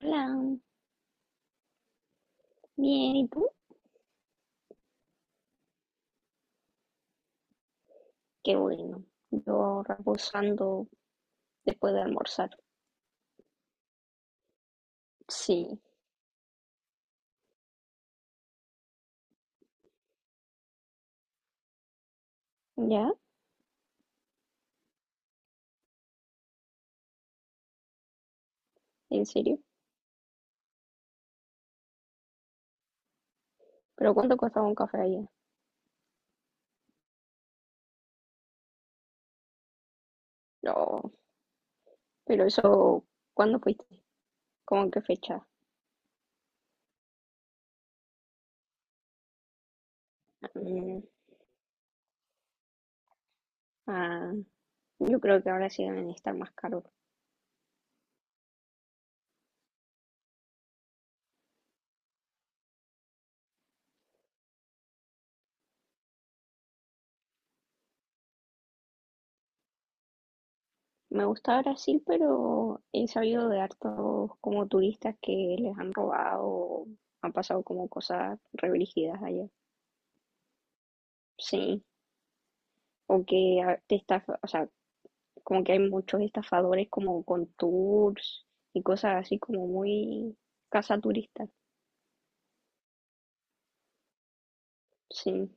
Hola, bien, ¿y tú? Qué bueno. Yo reposando después de almorzar. Sí, ¿ya? ¿En serio? ¿Pero cuánto costaba un café allá? No, pero eso, ¿cuándo fuiste? ¿Cómo en qué fecha? Mm, ah, yo creo que ahora sí deben estar más caros. Me gusta Brasil, pero he sabido de hartos como turistas que les han robado, o han pasado como cosas re brígidas allá. Sí, o que te estafa, o sea, como que hay muchos estafadores como con tours y cosas así como muy casa turista. Sí.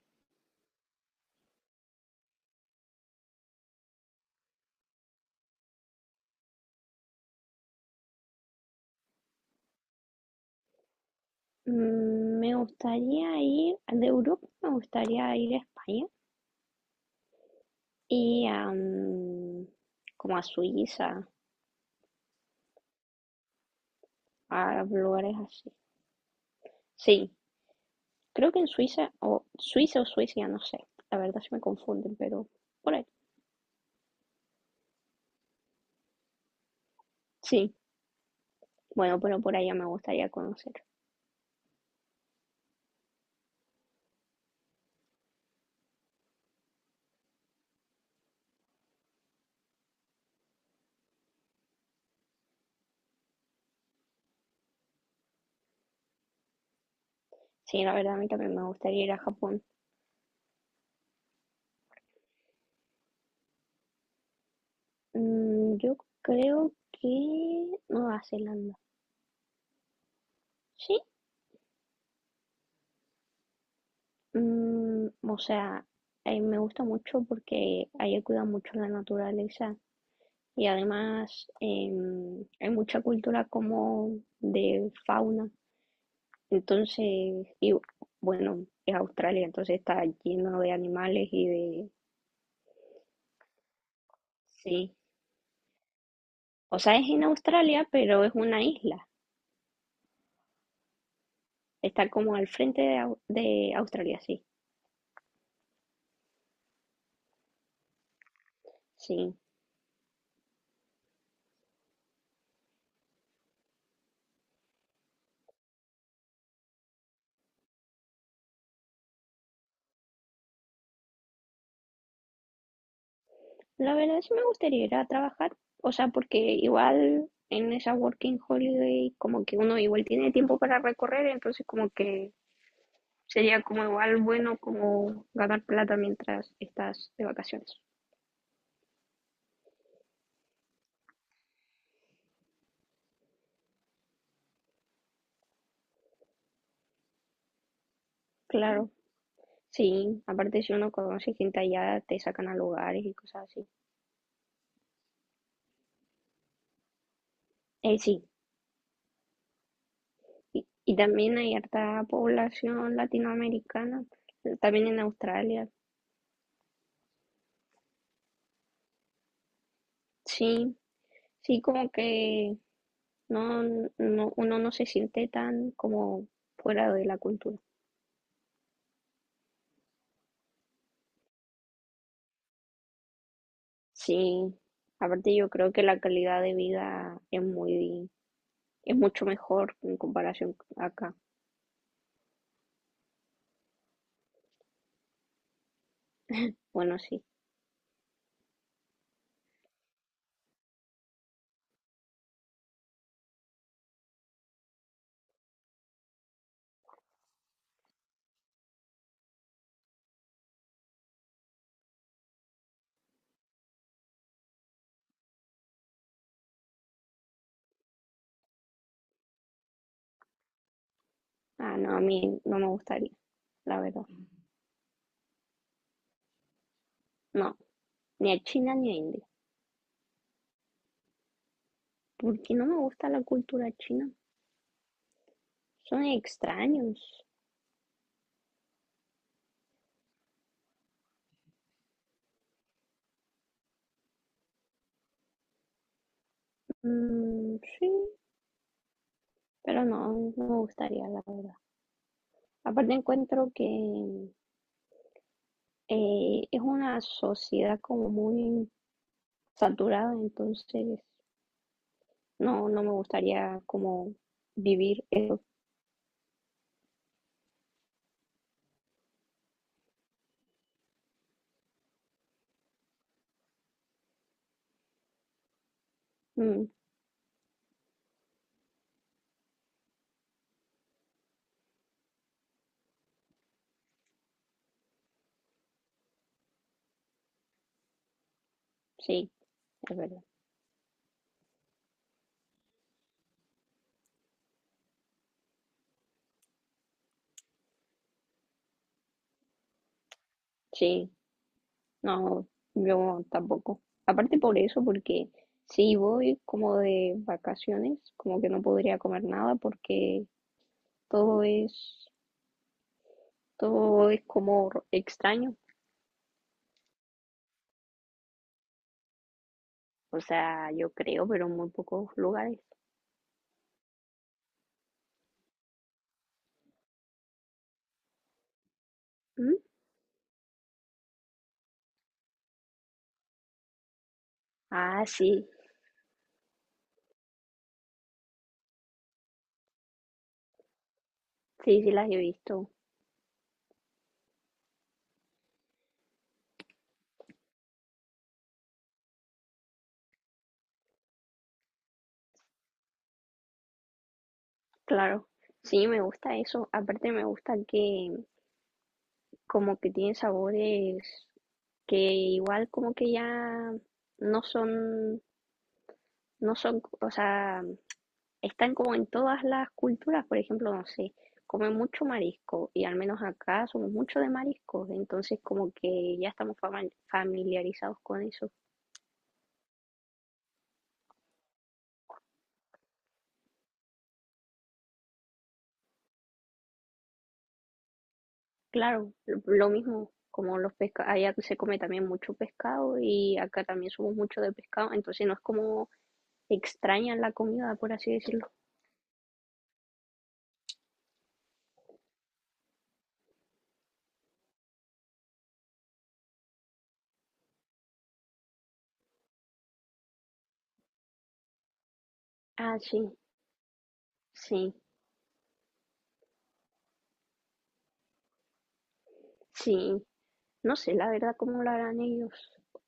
Me gustaría ir, de Europa me gustaría ir a España y a, como a Suiza, a lugares así. Sí, creo que en Suiza, o Suiza o Suiza, no sé, la verdad se me confunden, pero por ahí. Sí, bueno, pero por allá me gustaría conocer. Sí, la verdad a mí también me gustaría ir a Japón. Yo creo que Nueva Zelanda. Sí, o sea, me gusta mucho porque allá cuidan mucho la naturaleza y además hay mucha cultura como de fauna. Entonces, y bueno, es Australia, entonces está lleno de animales y de… Sí, o sea, es en Australia, pero es una isla. Está como al frente de, de Australia, sí. Sí. La verdad sí me gustaría ir a trabajar, o sea, porque igual en esa working holiday como que uno igual tiene tiempo para recorrer, entonces como que sería como igual bueno como ganar plata mientras estás de vacaciones. Claro, sí, aparte si uno conoce gente allá te sacan a lugares y cosas así. Sí, y también hay harta población latinoamericana, también en Australia, sí, sí como que No, no, uno no se siente tan como fuera de la cultura. Sí, aparte yo creo que la calidad de vida es muy, es mucho mejor en comparación acá. Bueno, sí. Ah, no, a mí no me gustaría, la verdad. No, ni a China ni a India. Porque no me gusta la cultura china. Son extraños. Mm, sí, pero no, no me gustaría, la verdad. Aparte encuentro que es una sociedad como muy saturada, entonces no, no me gustaría como vivir eso. Mm, sí, es verdad. Sí, no, yo tampoco. Aparte por eso, porque si voy como de vacaciones, como que no podría comer nada porque todo es, todo es como extraño. O sea, yo creo, pero en muy pocos lugares. ¿Mm? Ah, sí, sí, sí las he visto, claro. Sí, me gusta eso. Aparte me gusta que como que tiene sabores que igual como que ya no son, no son, o sea, están como en todas las culturas, por ejemplo, no sé, comen mucho marisco y al menos acá somos mucho de mariscos, entonces como que ya estamos familiarizados con eso. Claro, lo mismo. Como los pescados, allá se come también mucho pescado y acá también somos mucho de pescado, entonces no es como extraña la comida, por así decirlo. Ah, sí, sí, sí. No sé la verdad cómo lo harán ellos.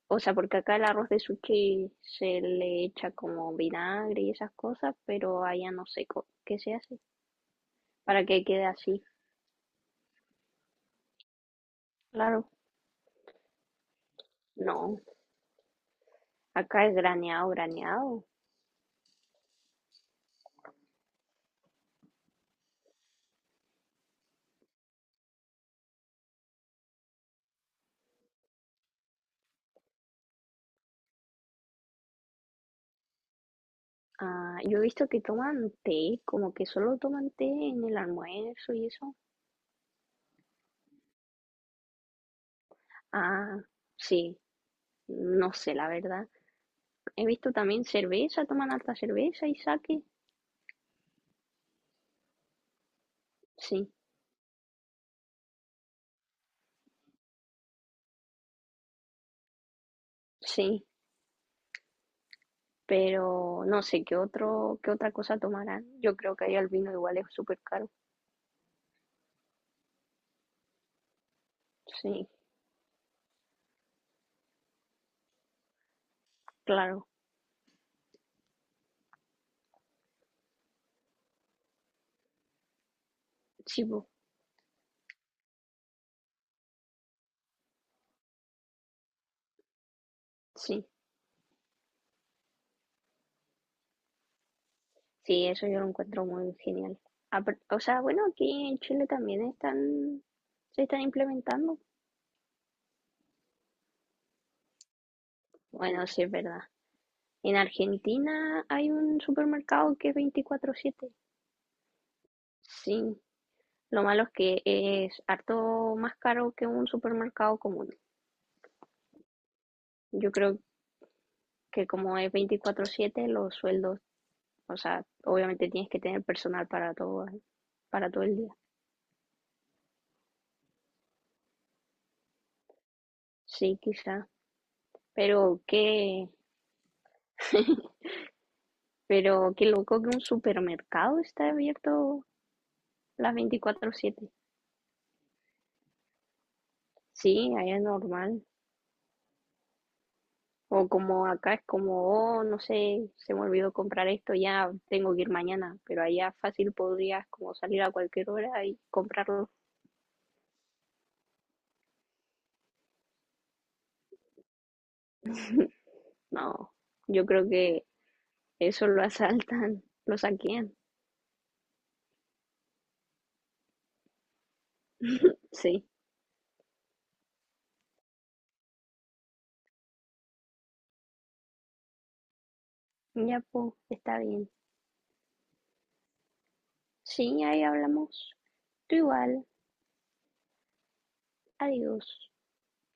O sea, porque acá el arroz de sushi se le echa como vinagre y esas cosas, pero allá no sé qué se hace para que quede así. Claro, no. Acá es graneado, graneado. Ah, yo he visto que toman té, como que solo toman té en el almuerzo y eso. Ah, sí, no sé la verdad. He visto también cerveza, toman alta cerveza y sake. Sí, sí. Pero no sé qué otra cosa tomarán. Yo creo que ahí el vino igual es súper caro. Sí, claro, sí, po, sí, sí, eso yo lo encuentro muy genial. Apar- O sea, bueno, aquí en Chile también están, se están implementando. Bueno, sí, es verdad. En Argentina hay un supermercado que es 24/7. Sí, lo malo es que es harto más caro que un supermercado común. Yo creo que como es 24/7, los sueldos. O sea, obviamente tienes que tener personal para todo el día. Sí, quizá. Pero qué, pero qué loco que un supermercado está abierto las 24/7. Sí, allá es normal. O como acá es como, oh, no sé, se me olvidó comprar esto, ya tengo que ir mañana. Pero allá fácil podrías como salir a cualquier hora y comprarlo. No, yo creo que eso lo asaltan, lo saquean. Sí, ya pues, está bien. Sí, ahí hablamos. Tú igual. Adiós.